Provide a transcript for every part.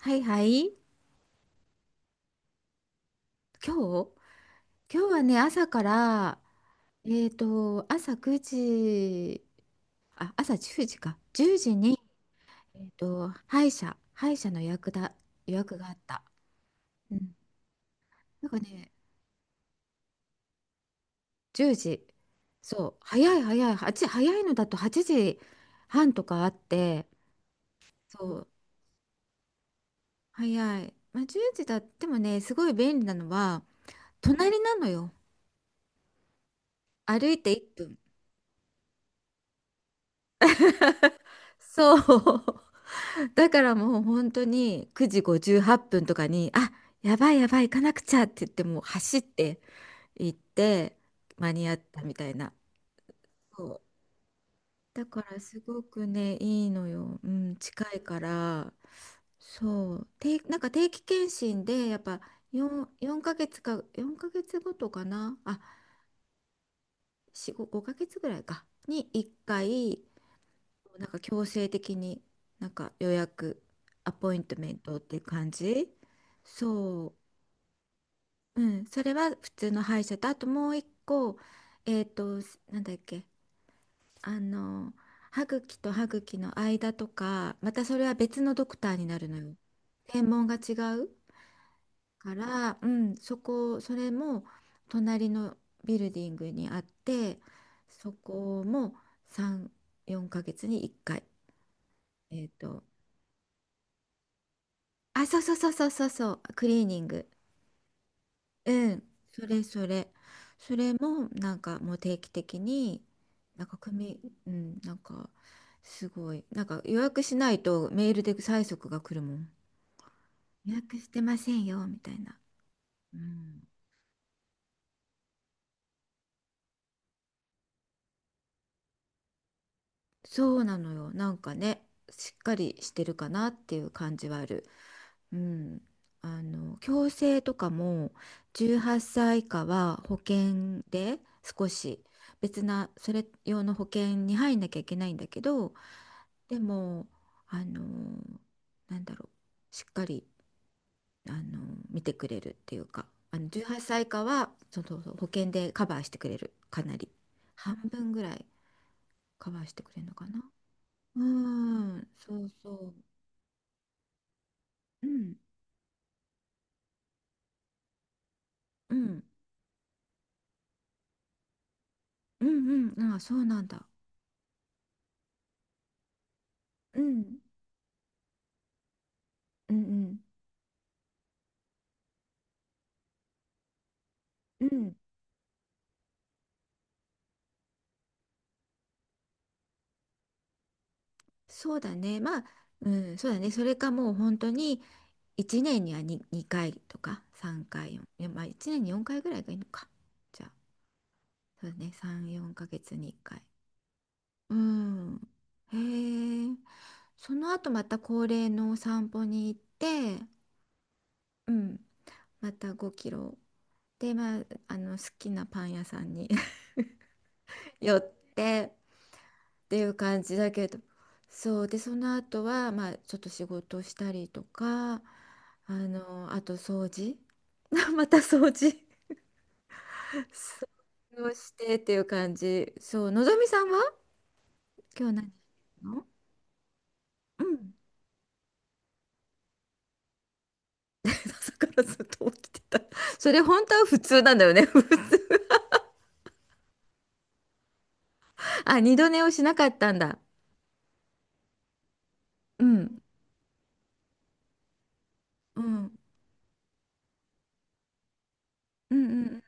はいはい。今日今日はね、朝から、朝9時、あ、朝10時か。10時に、歯医者の予約があった。うん。なんかね、10時。そう、早い早い。8、早いのだと8時半とかあって、そう、早い。まあ、10時だってもね、すごい便利なのは、隣なのよ。歩いて1分。そう。だからもう本当に9時58分とかに「あ、やばいやばい、行かなくちゃ」って言ってもう走って行って間に合ったみたいな。そう、だからすごくねいいのよ、うん、近いから。そう、なんか定期検診でやっぱ4ヶ月か4ヶ月ごとかなあ、4、5、5ヶ月ぐらいかに1回、なんか強制的になんかアポイントメントっていう感じ。そう、うん、それは普通の歯医者とあともう一個、えっとなんだっけ、あの歯茎と歯茎の間とか、またそれは別のドクターになるのよ。専門が違うから、うん、そこ、それも隣のビルディングにあって、そこも3、4ヶ月に1回。えっとあ、そうそうそうそうそうそう、クリーニング。うん、それそれ。それもなんかもう定期的に、なんか、うん、なんかすごい、なんか予約しないとメールで催促が来るもん。予約してませんよ、みたいな。うん、そうなのよ。なんかね、しっかりしてるかなっていう感じはある。うん。あの、矯正とかも18歳以下は保険で、少し別なそれ用の保険に入んなきゃいけないんだけど、でも、あの、なんだろう、しっかり、あの、見てくれるっていうか、あの18歳以下はそうそうそう保険でカバーしてくれる、かなり。半分ぐらいカバーしてくれるのかな。うん、そうそう。うん。うん、うん、うん、ああ、そうなんだ。うん、うん、うん、うん、そうだね。まあ、うん、そうだね。それかもう本当に1年には2回とか3回、よんいや、まあ1年に4回ぐらいがいいのか。じゃあ、そうだね。3、4ヶ月に1回。うん。へえ。その後また恒例のお散歩に行って、うん、また5キロ。で、まあ、あの好きなパン屋さんに寄ってっていう感じだけど。そう、でその後はまあちょっと仕事したりとか、あのあと掃除、 また掃除、そうしてっていう感じ。そう、のぞみさんは今日何してんの？うん。 朝からずっと起きてた？それ本当は普通なんだよね、普通。 あ、二度寝をしなかったんだ。うんうんうんうん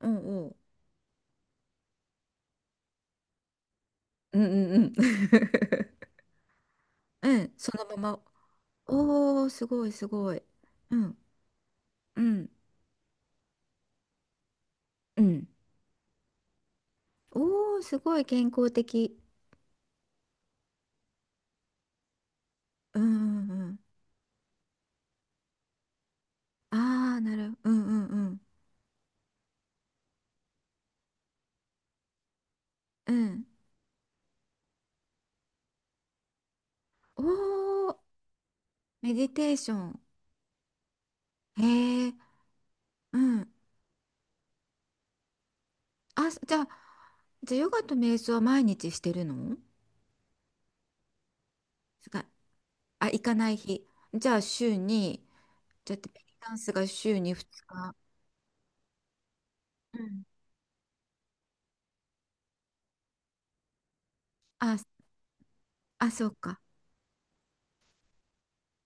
うんうんうんうんうんうん。 うん、そのまま。おー、すごい、すごい。うん、うん、うん。おー、すごい健康的。うん、うん、うん。ああ、なる、うん、うん、うん。うん。おー、メディテーション。へえ、うん。あ、じゃあ、じゃあヨガと瞑想は毎日してるの？すごい。あ、行かない日。じゃあ、週に、じゃあ、ペリカンスが週に2日。うん。あ、あ、そうか。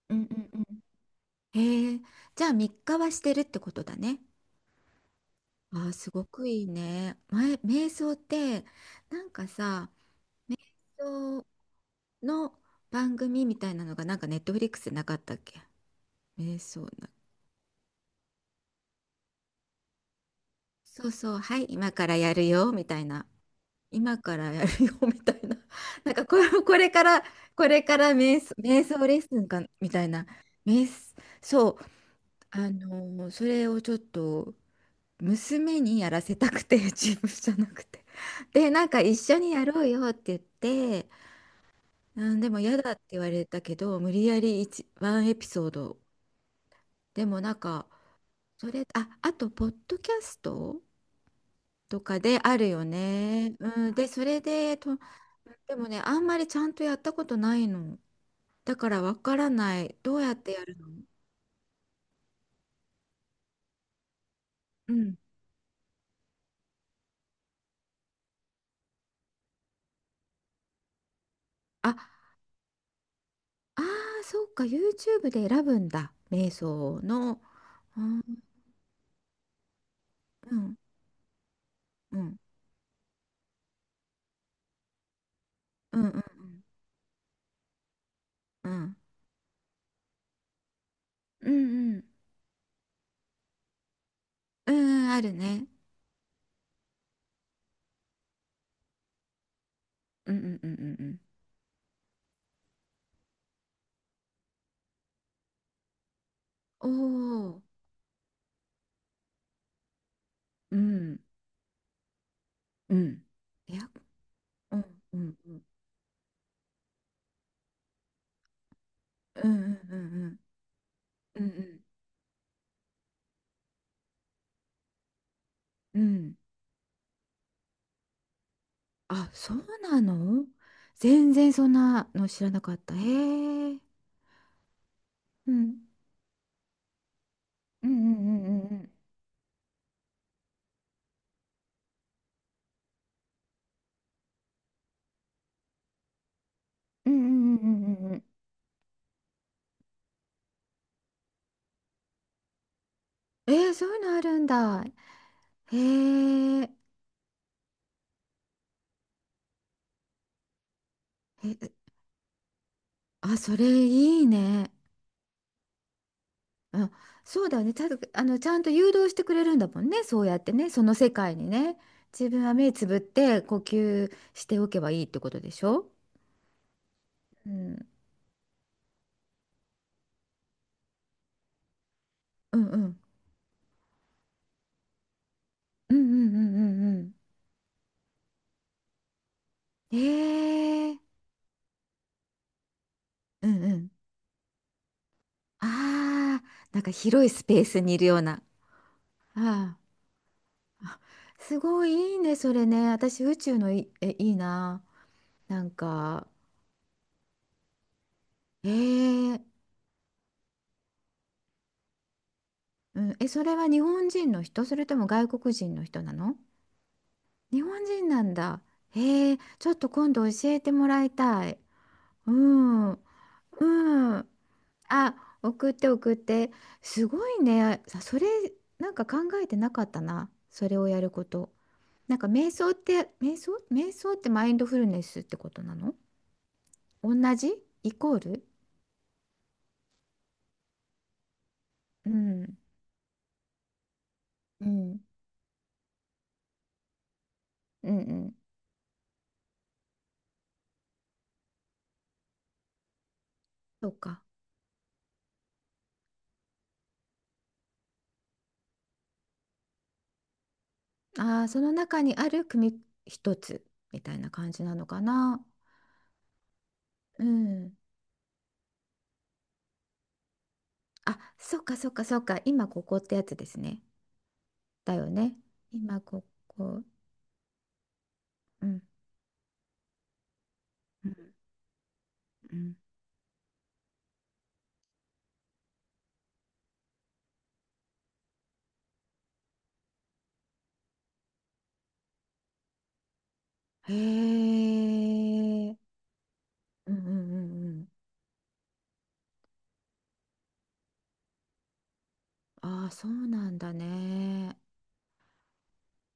うん、うん、うん。へえ、じゃあ、3日はしてるってことだね。ああ、すごくいいね。前、瞑想って、なんかさ、瞑想の番組みたいなのが、なんかネットフリックスでなかったっけ？瞑想な。そうそう、はい、今からやるよ、みたいな。今からやるよ、みたいな。なんかこれ、これから、これから瞑想、瞑想レッスンか、みたいな。瞑想、そう、それをちょっと、娘にやらせたくて、自分じゃなくて。で、なんか一緒にやろうよって言って、うん、でも嫌だって言われたけど、無理やりワンエピソード。でもなんか、それ、あ、あと、ポッドキャストとかであるよね。うん、で、それで、と、でもね、あんまりちゃんとやったことないの。だからわからない。どうやってやるの？うん。あ、あー、そうか、YouTube で選ぶんだ。瞑想の。うん、うん、うん、うん、うん、うん、うん、うん、うん、うん、あるね。うん、うん、うん、うん。うん。おお。うん、うん。エアコン、うん、うん、うん、うん、うん、うん、うん、うん。あ、そうなの？全然そんなの知らなかった。へえ。うん、うん、うん、うん、うん、うん、うん、うん、うんうんうん。えー、そういうのあるんだ。へえ。え、あ、それいいね。うん、そうだよね。ちゃんと、あの、ちゃんと誘導してくれるんだもんね。そうやってね、その世界にね。自分は目つぶって呼吸しておけばいいってことでしょ？うんうんうん。うんうんうんうんうん。ええ、うんうん。ああ、なんか広いスペースにいるような。ああ、すごいいいね、それね。私、宇宙のい、え、いいな。なんか、ええ、うん、え、それは日本人の人、それとも外国人の人なの？日本人なんだ。ええ、ちょっと今度教えてもらいたい。うん、うん。あ、送って送って。すごいね。さ、それ、なんか考えてなかったな。それをやること。なんか瞑想って、瞑想ってマインドフルネスってことなの？同じイコール。うん。うん。うんうん。そうか。ああ、その中にある一つみたいな感じなのかな。うん。あ、そっかそっかそっか。今ここってやつですね。だよね。今ここ。うん。うん。うん。へえ。うんうんうんうん。ああ、そうなんだね。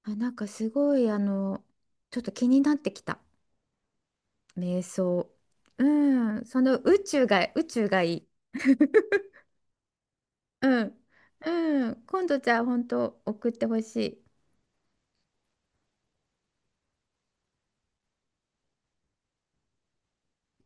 あ、なんかすごい、あの、ちょっと気になってきた。瞑想。うん。その宇宙が、宇宙がいい。うん。うん。今度じゃあ本当送ってほしい。